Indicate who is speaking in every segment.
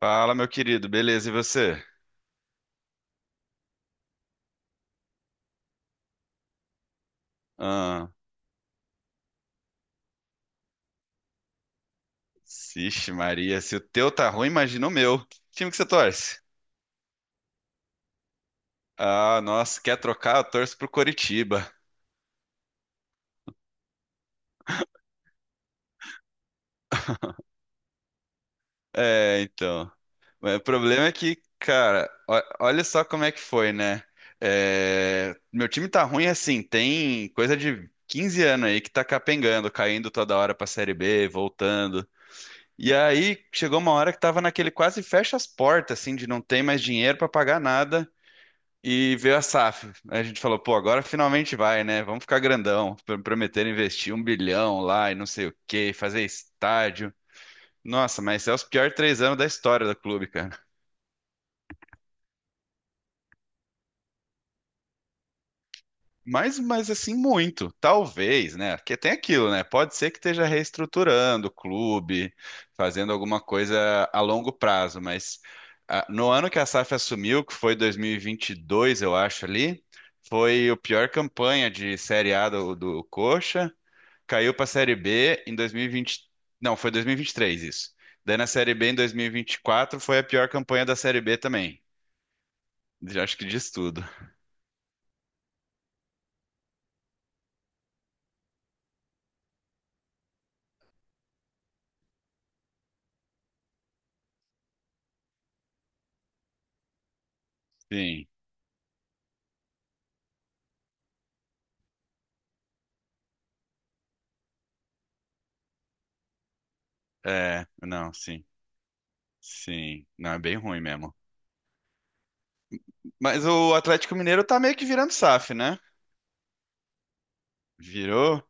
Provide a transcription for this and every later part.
Speaker 1: Fala, meu querido, beleza? E você? Ah, vixe Maria, se o teu tá ruim, imagina o meu. Que time que você torce? Ah, nossa, quer trocar? Eu torço pro Coritiba. É, então. Mas o problema é que, cara, olha só como é que foi, né? É, meu time tá ruim assim, tem coisa de 15 anos aí que tá capengando, caindo toda hora pra Série B, voltando. E aí chegou uma hora que tava naquele quase fecha as portas, assim, de não ter mais dinheiro pra pagar nada. E veio a SAF. Aí a gente falou, pô, agora finalmente vai, né? Vamos ficar grandão. Prometeram investir 1 bilhão lá e não sei o quê, fazer estádio. Nossa, mas é os piores 3 anos da história do clube, cara. Mas assim, muito. Talvez, né? Porque tem aquilo, né? Pode ser que esteja reestruturando o clube, fazendo alguma coisa a longo prazo, mas ah, no ano que a SAF assumiu, que foi dois mil e vinte e dois eu acho ali, foi a pior campanha de Série A do Coxa. Caiu pra Série B em 2020. Não, foi dois mil e vinte e três isso. Daí na Série B em dois mil e vinte e quatro, foi a pior campanha da Série B também. Já acho que diz tudo. Sim. É, não, sim. Sim. Não, é bem ruim mesmo. Mas o Atlético Mineiro tá meio que virando SAF, né? Virou?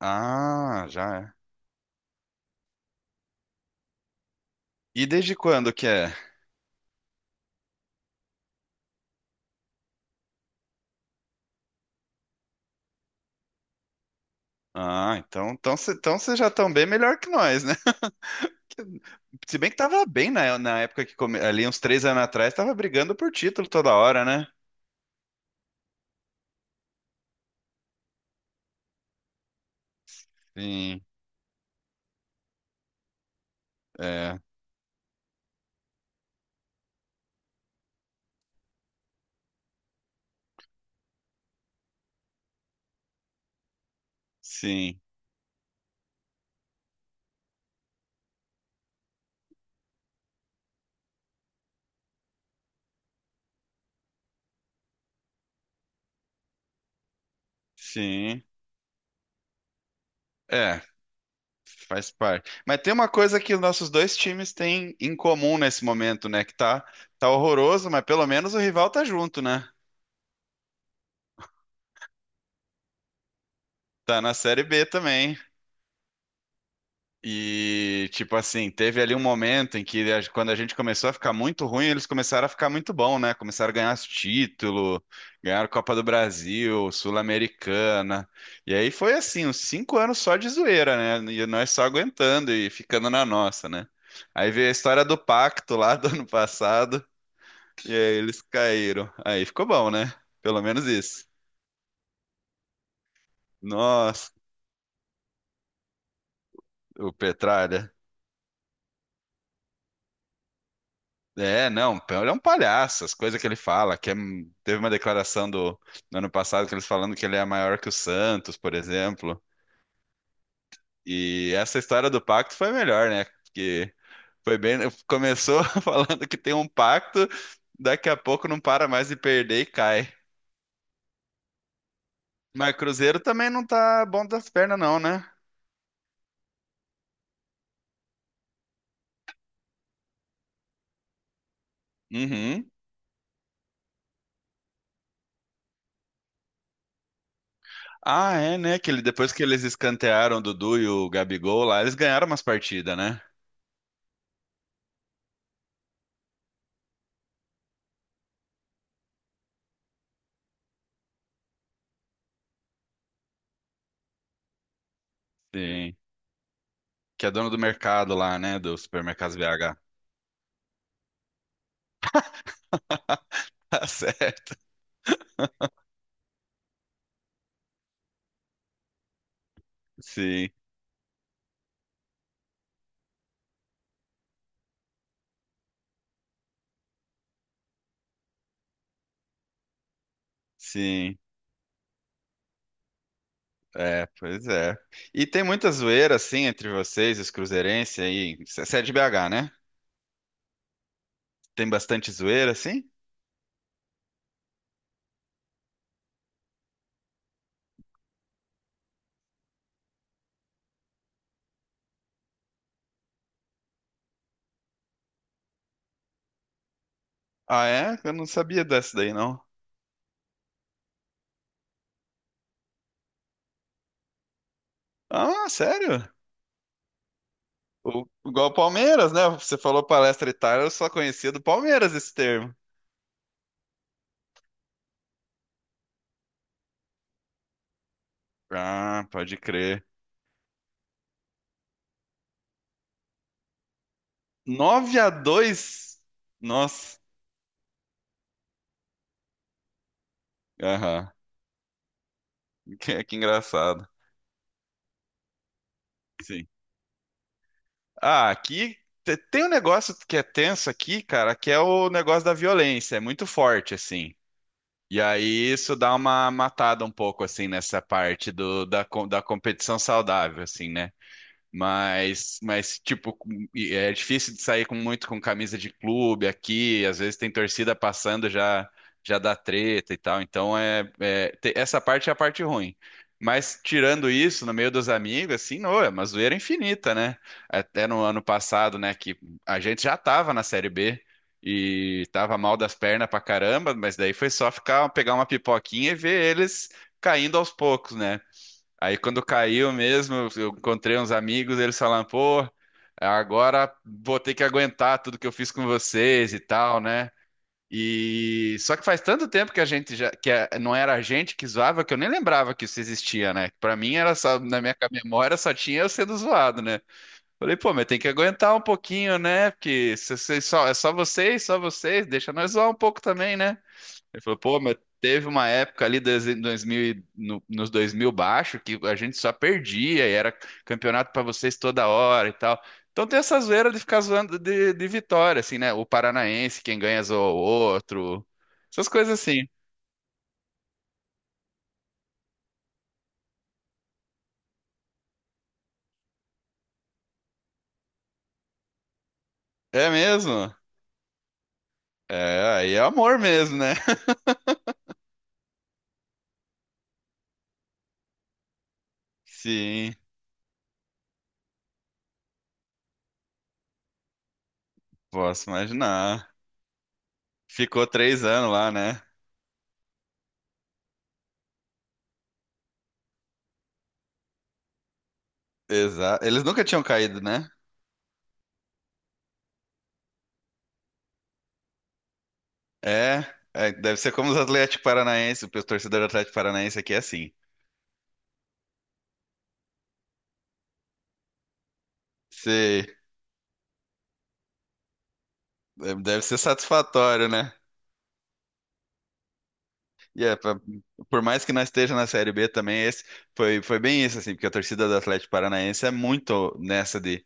Speaker 1: Ah, já é. E desde quando que é? Ah, então vocês então cê já estão bem melhor que nós, né? Se bem que tava bem na época que come... ali uns 3 anos atrás, tava brigando por título toda hora, né? Sim, é, sim, sim. É, faz parte. Mas tem uma coisa que os nossos dois times têm em comum nesse momento, né? Que tá, tá horroroso, mas pelo menos o rival tá junto, né? Tá na Série B também. E, tipo assim, teve ali um momento em que, quando a gente começou a ficar muito ruim, eles começaram a ficar muito bom, né? Começaram a ganhar título, ganharam Copa do Brasil, Sul-Americana. E aí foi assim, uns 5 anos só de zoeira, né? E nós só aguentando e ficando na nossa, né? Aí veio a história do pacto lá do ano passado, e aí eles caíram. Aí ficou bom, né? Pelo menos isso. Nossa, o Petralha. É, não, ele é um palhaço, as coisas que ele fala, teve uma declaração do, do ano passado que eles falando que ele é maior que o Santos, por exemplo. E essa história do pacto foi melhor, né? Porque foi bem, começou falando que tem um pacto, daqui a pouco não para mais de perder e cai. Mas o Cruzeiro também não tá bom das pernas não, né? Uhum. Ah, é, né? Que ele, depois que eles escantearam o Dudu e o Gabigol lá, eles ganharam umas partidas, né? Sim. Que é dono do mercado lá, né? Do Supermercados BH. Tá certo. Sim, sim. É, pois é. E tem muita zoeira, assim, entre vocês, os cruzeirenses aí. Você é de BH, né? Tem bastante zoeira, assim? Ah, é? Eu não sabia dessa daí, não. Ah, sério? O, igual o Palmeiras, né? Você falou palestra Itália, eu só conhecia do Palmeiras esse termo. Ah, pode crer. 9-2. Nossa. Aham. Que engraçado. Sim. Ah, aqui tem um negócio que é tenso aqui, cara, que é o negócio da violência, é muito forte, assim. E aí isso dá uma matada um pouco, assim, nessa parte do, da, da competição saudável, assim, né? Mas tipo, e é difícil de sair com muito com camisa de clube aqui. Às vezes tem torcida passando, já dá treta e tal. Então essa parte é a parte ruim. Mas tirando isso, no meio dos amigos, assim, não, é uma zoeira infinita, né? Até no ano passado, né, que a gente já tava na Série B e tava mal das pernas pra caramba, mas daí foi só ficar, pegar uma pipoquinha e ver eles caindo aos poucos, né? Aí quando caiu mesmo, eu encontrei uns amigos, eles falaram, pô, agora vou ter que aguentar tudo que eu fiz com vocês e tal, né? E só que faz tanto tempo que a gente já não era a gente que zoava que eu nem lembrava que isso existia, né? Pra mim era só na minha memória só tinha eu sendo zoado, né? Falei, pô, mas tem que aguentar um pouquinho, né? Porque só é só vocês, deixa nós zoar um pouco também, né? Ele falou, pô, mas teve uma época ali dos 2000 e- no, nos 2000 baixo que a gente só perdia e era campeonato pra vocês toda hora e tal. Então tem essa zoeira de ficar zoando de vitória, assim, né? O paranaense, quem ganha zoa o outro. Essas coisas assim. É mesmo? É, aí é amor mesmo, né? Sim, posso imaginar. Ficou 3 anos lá, né? Exato. Eles nunca tinham caído, né? É, é, deve ser como os Atlético Paranaense, o torcedor do Atlético Paranaense aqui é assim. Sei, deve ser satisfatório, né? E é, por mais que não esteja na Série B também, esse foi, foi bem isso, assim, porque a torcida do Atlético Paranaense é muito nessa de.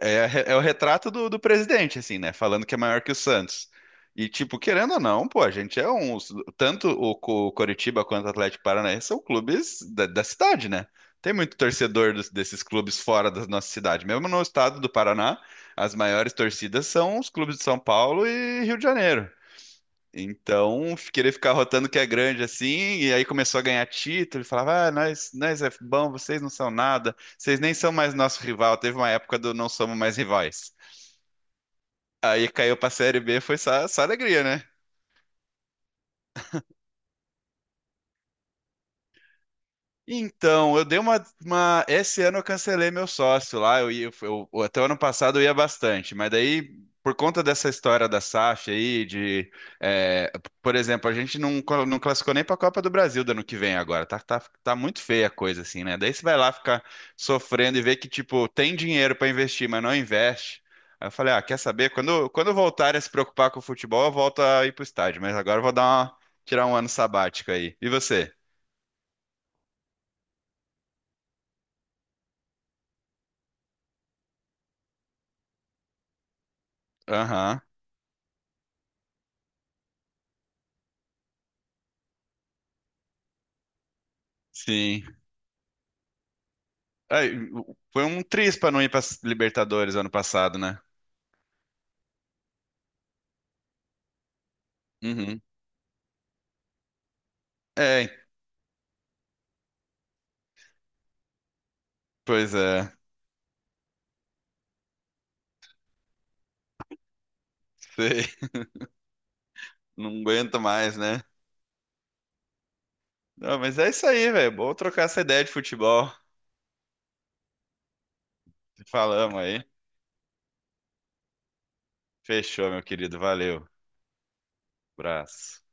Speaker 1: É, é o retrato do presidente, assim, né? Falando que é maior que o Santos. E, tipo, querendo ou não, pô, a gente é um. Tanto o, Coritiba quanto o Atlético Paranaense são clubes da cidade, né? Tem muito torcedor desses clubes fora da nossa cidade. Mesmo no estado do Paraná, as maiores torcidas são os clubes de São Paulo e Rio de Janeiro. Então, querer ficar rotando que é grande assim, e aí começou a ganhar título, e falava, ah, nós é bom, vocês não são nada, vocês nem são mais nosso rival. Teve uma época do não somos mais rivais. Aí caiu pra Série B, foi só, só alegria, né? Então, eu dei esse ano eu cancelei meu sócio lá. Eu ia, até o ano passado eu ia bastante, mas daí, por conta dessa história da SAF aí, de. É, por exemplo, a gente não, não classificou nem para a Copa do Brasil do ano que vem agora. Tá muito feia a coisa, assim, né? Daí você vai lá ficar sofrendo e ver que, tipo, tem dinheiro para investir, mas não investe. Aí eu falei, ah, quer saber? Quando eu voltar a se preocupar com o futebol, eu volto a ir pro estádio, mas agora eu vou dar tirar um ano sabático aí. E você? Aham. Sim. Ai, foi um triz pra não ir pra Libertadores ano passado, né? Uhum. É, pois é. Sei. Não aguento mais, né? Não, mas é isso aí, velho. Bom trocar essa ideia de futebol. Falamos aí. Fechou, meu querido. Valeu. Abraço.